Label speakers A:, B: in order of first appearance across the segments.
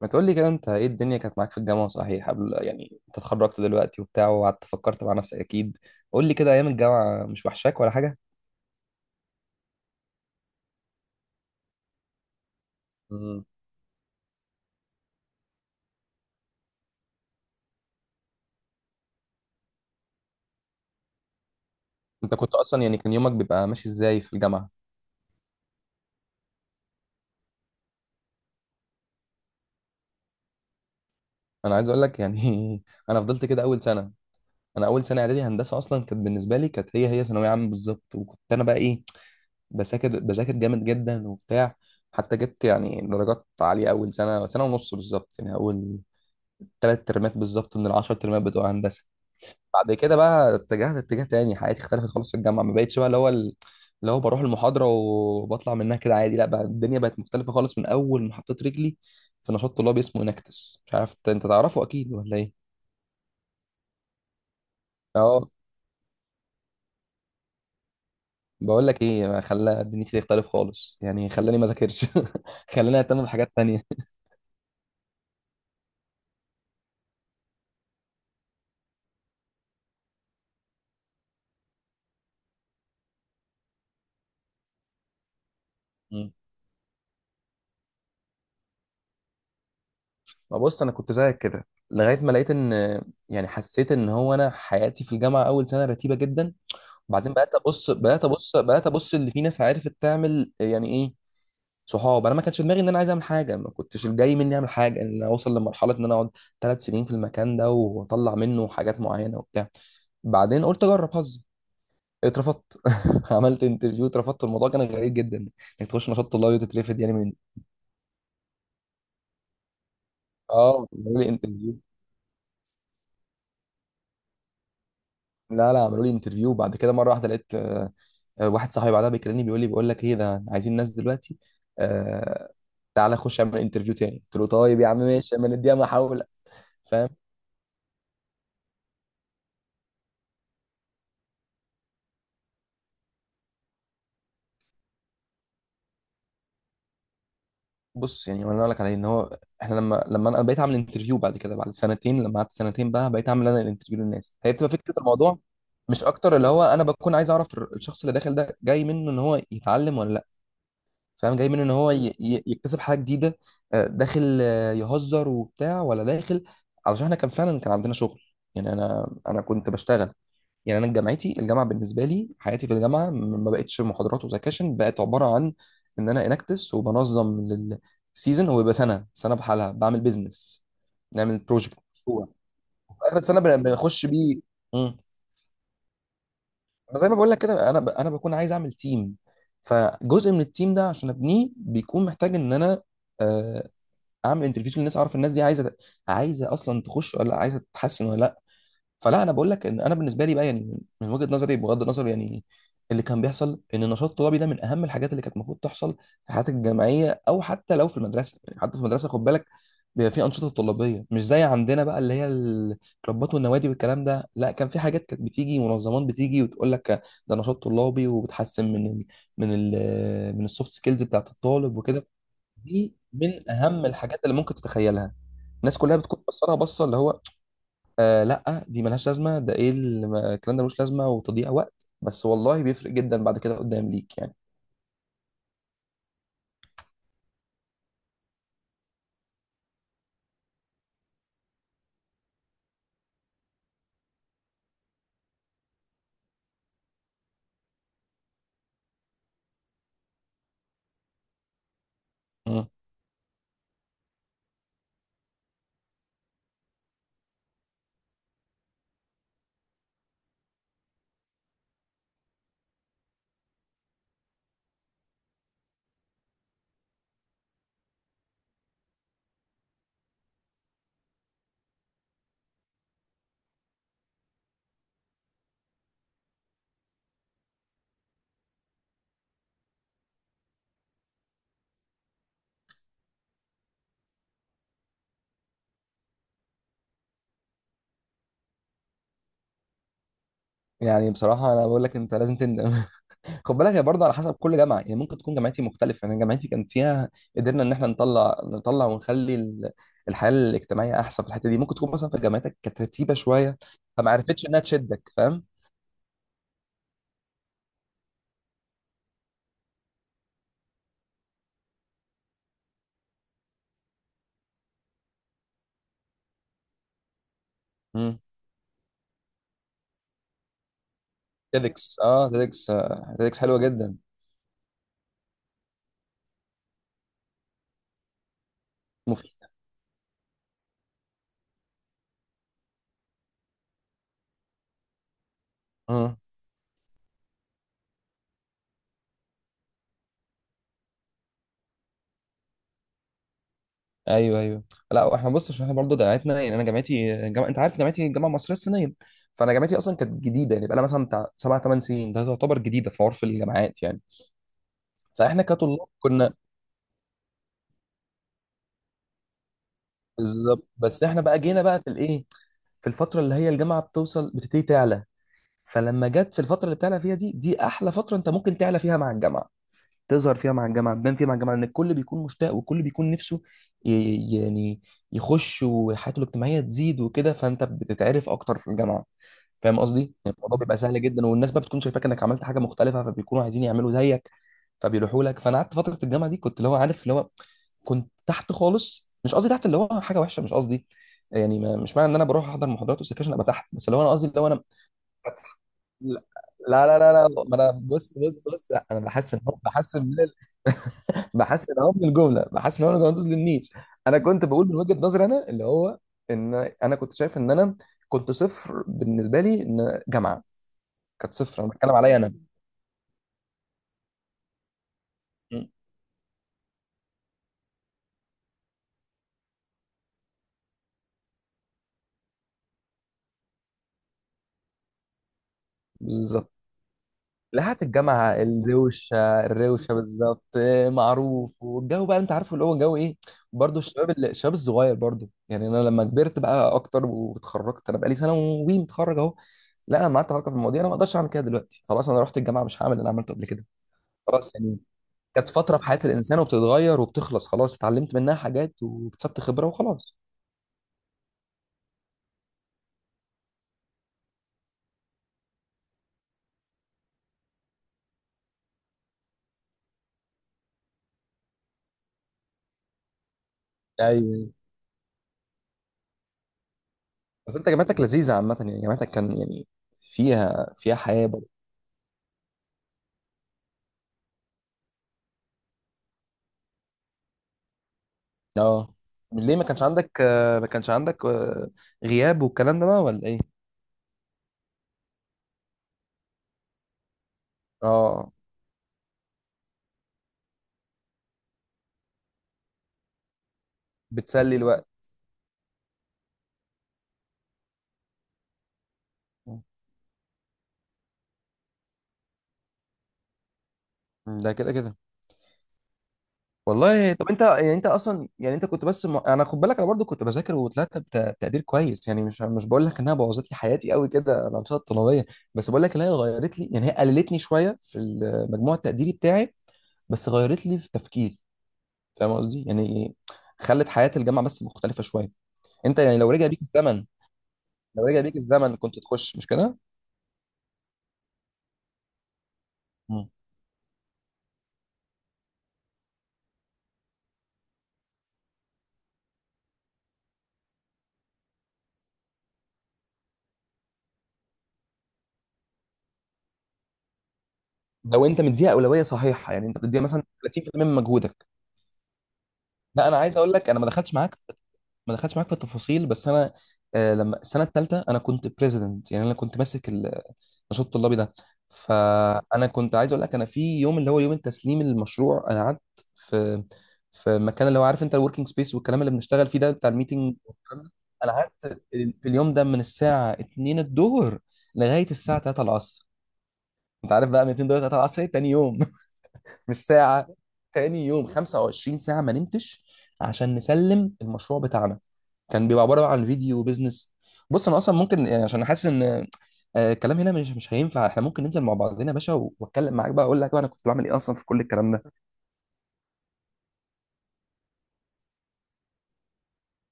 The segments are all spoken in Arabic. A: ما تقول لي كده، انت ايه، الدنيا كانت معاك في الجامعه صحيح؟ قبل يعني انت اتخرجت دلوقتي وبتاع وقعدت فكرت مع نفسك اكيد. قول لي كده، ايام الجامعه مش وحشاك ولا حاجه؟ مم. انت كنت اصلا يعني كان يومك بيبقى ماشي ازاي في الجامعه؟ انا عايز اقول لك يعني انا فضلت كده اول سنه. انا اول سنه اعدادي هندسه اصلا كانت بالنسبه لي كانت هي هي ثانويه عامه بالظبط، وكنت انا بقى ايه، بذاكر، بذاكر جامد جدا وبتاع. حتى جبت يعني درجات عاليه اول سنه، سنه ونص بالظبط، يعني اول ثلاث ترمات بالظبط من العشر ترمات بتوع هندسه. بعد كده بقى اتجهت اتجاه تاني، حياتي اختلفت خالص في الجامعه، ما بقتش بقى اللي هو اللي هو بروح المحاضره وبطلع منها كده عادي، لا بقى الدنيا بقت مختلفه خالص من اول ما حطيت رجلي في نشاط طلابي اسمه انكتس، مش عارف انت تعرفه اكيد ولا ايه. اه بقول لك ايه، خلى دنيتي تختلف خالص، يعني خلاني ما ذاكرش. خلاني اهتم بحاجات تانية. مم. ما بص، انا كنت زيك كده لغايه ما لقيت ان يعني حسيت ان هو انا حياتي في الجامعه اول سنه رتيبه جدا. بعدين بقيت ابص، بقيت ابص، بقيت ابص اللي في ناس عرفت تعمل يعني ايه، صحاب. انا ما كانش في دماغي ان انا عايز اعمل حاجه، ما كنتش الجاي مني اعمل حاجه، ان انا اوصل لمرحله ان انا اقعد ثلاث سنين في المكان ده واطلع منه حاجات معينه وبتاع. بعدين قلت اجرب حظي. اترفضت. عملت انترفيو، اترفضت. الموضوع كان غريب جدا، انك تخش نشاط طلابي وتترفض يعني من. اه، عملوا لي انترفيو. لا لا، عملوا لي انترفيو. بعد كده مره واحده لقيت واحد صاحبي بعدها بيكلمني، بيقول لي، بيقول لك ايه، ده عايزين ناس دلوقتي. آه تعالى خش اعمل انترفيو تاني. قلت له طيب يا عم ماشي، اما نديها محاوله. فاهم؟ بص، يعني وانا اقول لك عليه، ان هو احنا لما انا بقيت اعمل انترفيو بعد كده بعد سنتين، لما قعدت سنتين بقى بقيت اعمل انا الانترفيو للناس، هي بتبقى فكره الموضوع مش اكتر. اللي هو انا بكون عايز اعرف الشخص اللي داخل ده جاي منه ان هو يتعلم ولا لا. فاهم؟ جاي من ان هو يكتسب حاجه جديده، داخل يهزر وبتاع ولا داخل. علشان احنا كان فعلا كان عندنا شغل. يعني انا كنت بشتغل. يعني انا جامعتي، الجامعه بالنسبه لي، حياتي في الجامعه ما بقتش محاضرات وسكاشن، بقت عباره عن ان انا انكتس، وبنظم للسيزون هو بيبقى سنه سنه بحالها، بعمل بيزنس، نعمل بروجكت في اخر السنه بنخش بيه. زي ما بقول لك كده، انا انا بكون عايز اعمل تيم، فجزء من التيم ده عشان ابنيه بيكون محتاج ان انا آه، اعمل انترفيو للناس، اعرف الناس دي عايزه، عايزه اصلا تخش ولا لأ، عايزه تتحسن ولا. فلا، انا بقول لك ان انا بالنسبه لي بقى، يعني من وجهه نظري، بغض النظر يعني اللي كان بيحصل، ان النشاط الطلابي ده من اهم الحاجات اللي كانت المفروض تحصل في حياتك الجامعيه، او حتى لو في المدرسه. يعني حتى في المدرسه خد بالك بيبقى في انشطه طلابيه، مش زي عندنا بقى اللي هي الكلوبات والنوادي والكلام ده. لا، كان في حاجات كانت بتيجي منظمات بتيجي وتقول لك ده نشاط طلابي، وبتحسن من ال من ال من السوفت سكيلز بتاعت الطالب وكده. دي من اهم الحاجات اللي ممكن تتخيلها. الناس كلها بتكون بصلها بصه اللي هو، آه لا دي ملهاش لازمه، ده ايه اللي الكلام ده ملوش لازمه وتضييع وقت. بس والله بيفرق جدا بعد كده قدام ليك يعني. مم. يعني بصراحه انا بقول لك انت لازم تندم. خد بالك هي برضه على حسب كل جامعه، يعني ممكن تكون جامعتي مختلفه. يعني جامعتي كان فيها، قدرنا ان احنا نطلع، نطلع ونخلي الحياه الاجتماعيه احسن في الحته دي. ممكن تكون مثلا في جامعتك كانت رتيبه شويه، فما عرفتش انها تشدك، فاهم. مم. تيدكس، اه تيدكس، آه تيدكس حلوه جدا، مفيده. ايوه، ايوه. لا احنا بص، عشان احنا برضه جامعتنا، يعني انا جامعتي، جامعة، انت عارف جامعتي، الجامعه المصريه الصينيه. فانا جامعتي اصلا كانت جديده، يعني بقى لها مثلا بتاع سبع ثمان سنين، ده تعتبر جديده في عرف الجامعات يعني. فاحنا كطلاب كنا، بالظبط. بس احنا بقى جينا بقى في الايه، في الفتره اللي هي الجامعه بتوصل، بتبتدي تعلى. فلما جت في الفتره اللي بتعلى فيها دي، دي احلى فتره انت ممكن تعلى فيها مع الجامعه، تظهر فيها مع الجامعه، تبان فيها مع الجامعه، لان الكل بيكون مشتاق والكل بيكون نفسه يعني يخش وحياته الاجتماعيه تزيد وكده، فانت بتتعرف اكتر في الجامعه. فاهم قصدي؟ يعني الموضوع بيبقى سهل جدا، والناس بقى بتكون شايفاك انك عملت حاجه مختلفه، فبيكونوا عايزين يعملوا زيك، فبيروحوا لك. فانا قعدت فتره الجامعه دي كنت اللي هو، عارف اللي هو، كنت تحت خالص. مش قصدي تحت اللي هو حاجه وحشه، مش قصدي يعني، ما مش معنى ان انا بروح احضر محاضرات وسكاشن ابقى تحت، بس اللي هو انا قصدي اللي هو انا. لا لا لا لا، لا ما انا بص بص بص، لا انا بحس ان هو، بحس ان من بحس ان هو من الجمله، بحس ان هو ما تظلمنيش. انا كنت بقول من وجهه نظري، انا اللي هو، ان انا كنت شايف ان انا كنت صفر بالنسبه لي ان جامعه، كانت صفر، انا بتكلم عليا انا. م. بالظبط. لحقت الجامعه الروشه. الروشه بالظبط. معروف، والجو بقى انت عارفه اللي هو جو ايه. برضه الشباب الشباب الصغير برضه. يعني انا لما كبرت بقى اكتر واتخرجت، انا بقالي سنه وي متخرج، لا انا لما قعدت افكر في المواضيع، انا ما اقدرش اعمل كده دلوقتي، خلاص، انا رحت الجامعه مش هعمل اللي انا عملته قبل كده. خلاص يعني، كانت فتره في حياه الانسان، وبتتغير وبتخلص. خلاص، اتعلمت منها حاجات واكتسبت خبره وخلاص. ايوه. بس انت جامعتك لذيذه عامه، يعني جامعتك كان يعني فيها، فيها حياه برضه. اه. ليه ما كانش عندك ما كانش عندك غياب والكلام ده بقى ولا ايه؟ اه. بتسلي الوقت. مم. ده كده كده. والله، طب انت يعني انت اصلا يعني انت كنت بس يعني انا خد بالك، انا برضو كنت بذاكر وطلعت بتقدير كويس. يعني مش مش بقول لك انها بوظت لي حياتي قوي كده الانشطه الطلابيه، بس بقول لك ان هي غيرت لي، يعني هي قللتني شويه في المجموع التقديري بتاعي، بس غيرت لي في تفكيري. فاهم قصدي يعني؟ خلت حياه الجامعه بس مختلفه شويه. انت يعني لو رجع بيك الزمن، لو رجع بيك الزمن كنت تخش مش كده؟ مم. لو انت مديها اولويه صحيحه، يعني انت بتديها مثلا 30% من مجهودك. لا انا عايز اقول لك، انا ما دخلتش معاك، ما دخلتش معاك في التفاصيل، بس انا لما السنه الثالثه انا كنت بريزيدنت، يعني انا كنت ماسك النشاط الطلابي ده. فانا كنت عايز اقول لك، انا في يوم اللي هو يوم التسليم المشروع، انا قعدت في، في المكان اللي هو عارف انت، الوركينج سبيس والكلام اللي بنشتغل فيه ده بتاع الميتنج والكلام ده. انا قعدت في اليوم ده من الساعه 2 الظهر لغايه الساعه 3 العصر. انت عارف بقى، من 2 دقيقة 3 العصر إيه؟ تاني يوم. مش ساعه، تاني يوم. 25 ساعه ما نمتش عشان نسلم المشروع بتاعنا. كان بيبقى عباره بقى عن فيديو بيزنس. بص انا اصلا ممكن يعني، عشان حاسس ان الكلام هنا مش مش هينفع، احنا ممكن ننزل مع بعضنا يا باشا واتكلم معاك بقى، اقول لك بقى انا كنت بعمل ايه اصلا في كل الكلام ده.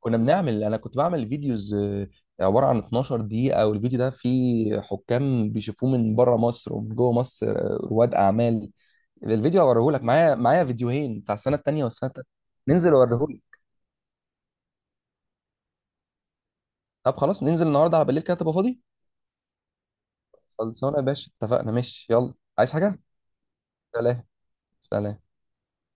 A: كنا بنعمل، انا كنت بعمل فيديوز عباره عن 12 دقيقه، والفيديو ده فيه حكام بيشوفوه من بره مصر ومن جوه مصر، رواد اعمال. الفيديو هوريه لك، معايا، معايا فيديوهين بتاع السنه التانيه والسنه التالته. ننزل اوريه لك. طب خلاص ننزل النهارده على بالليل كده تبقى فاضي. خلصانه يا باشا، اتفقنا، ماشي، يلا عايز حاجه؟ سلام. سلام.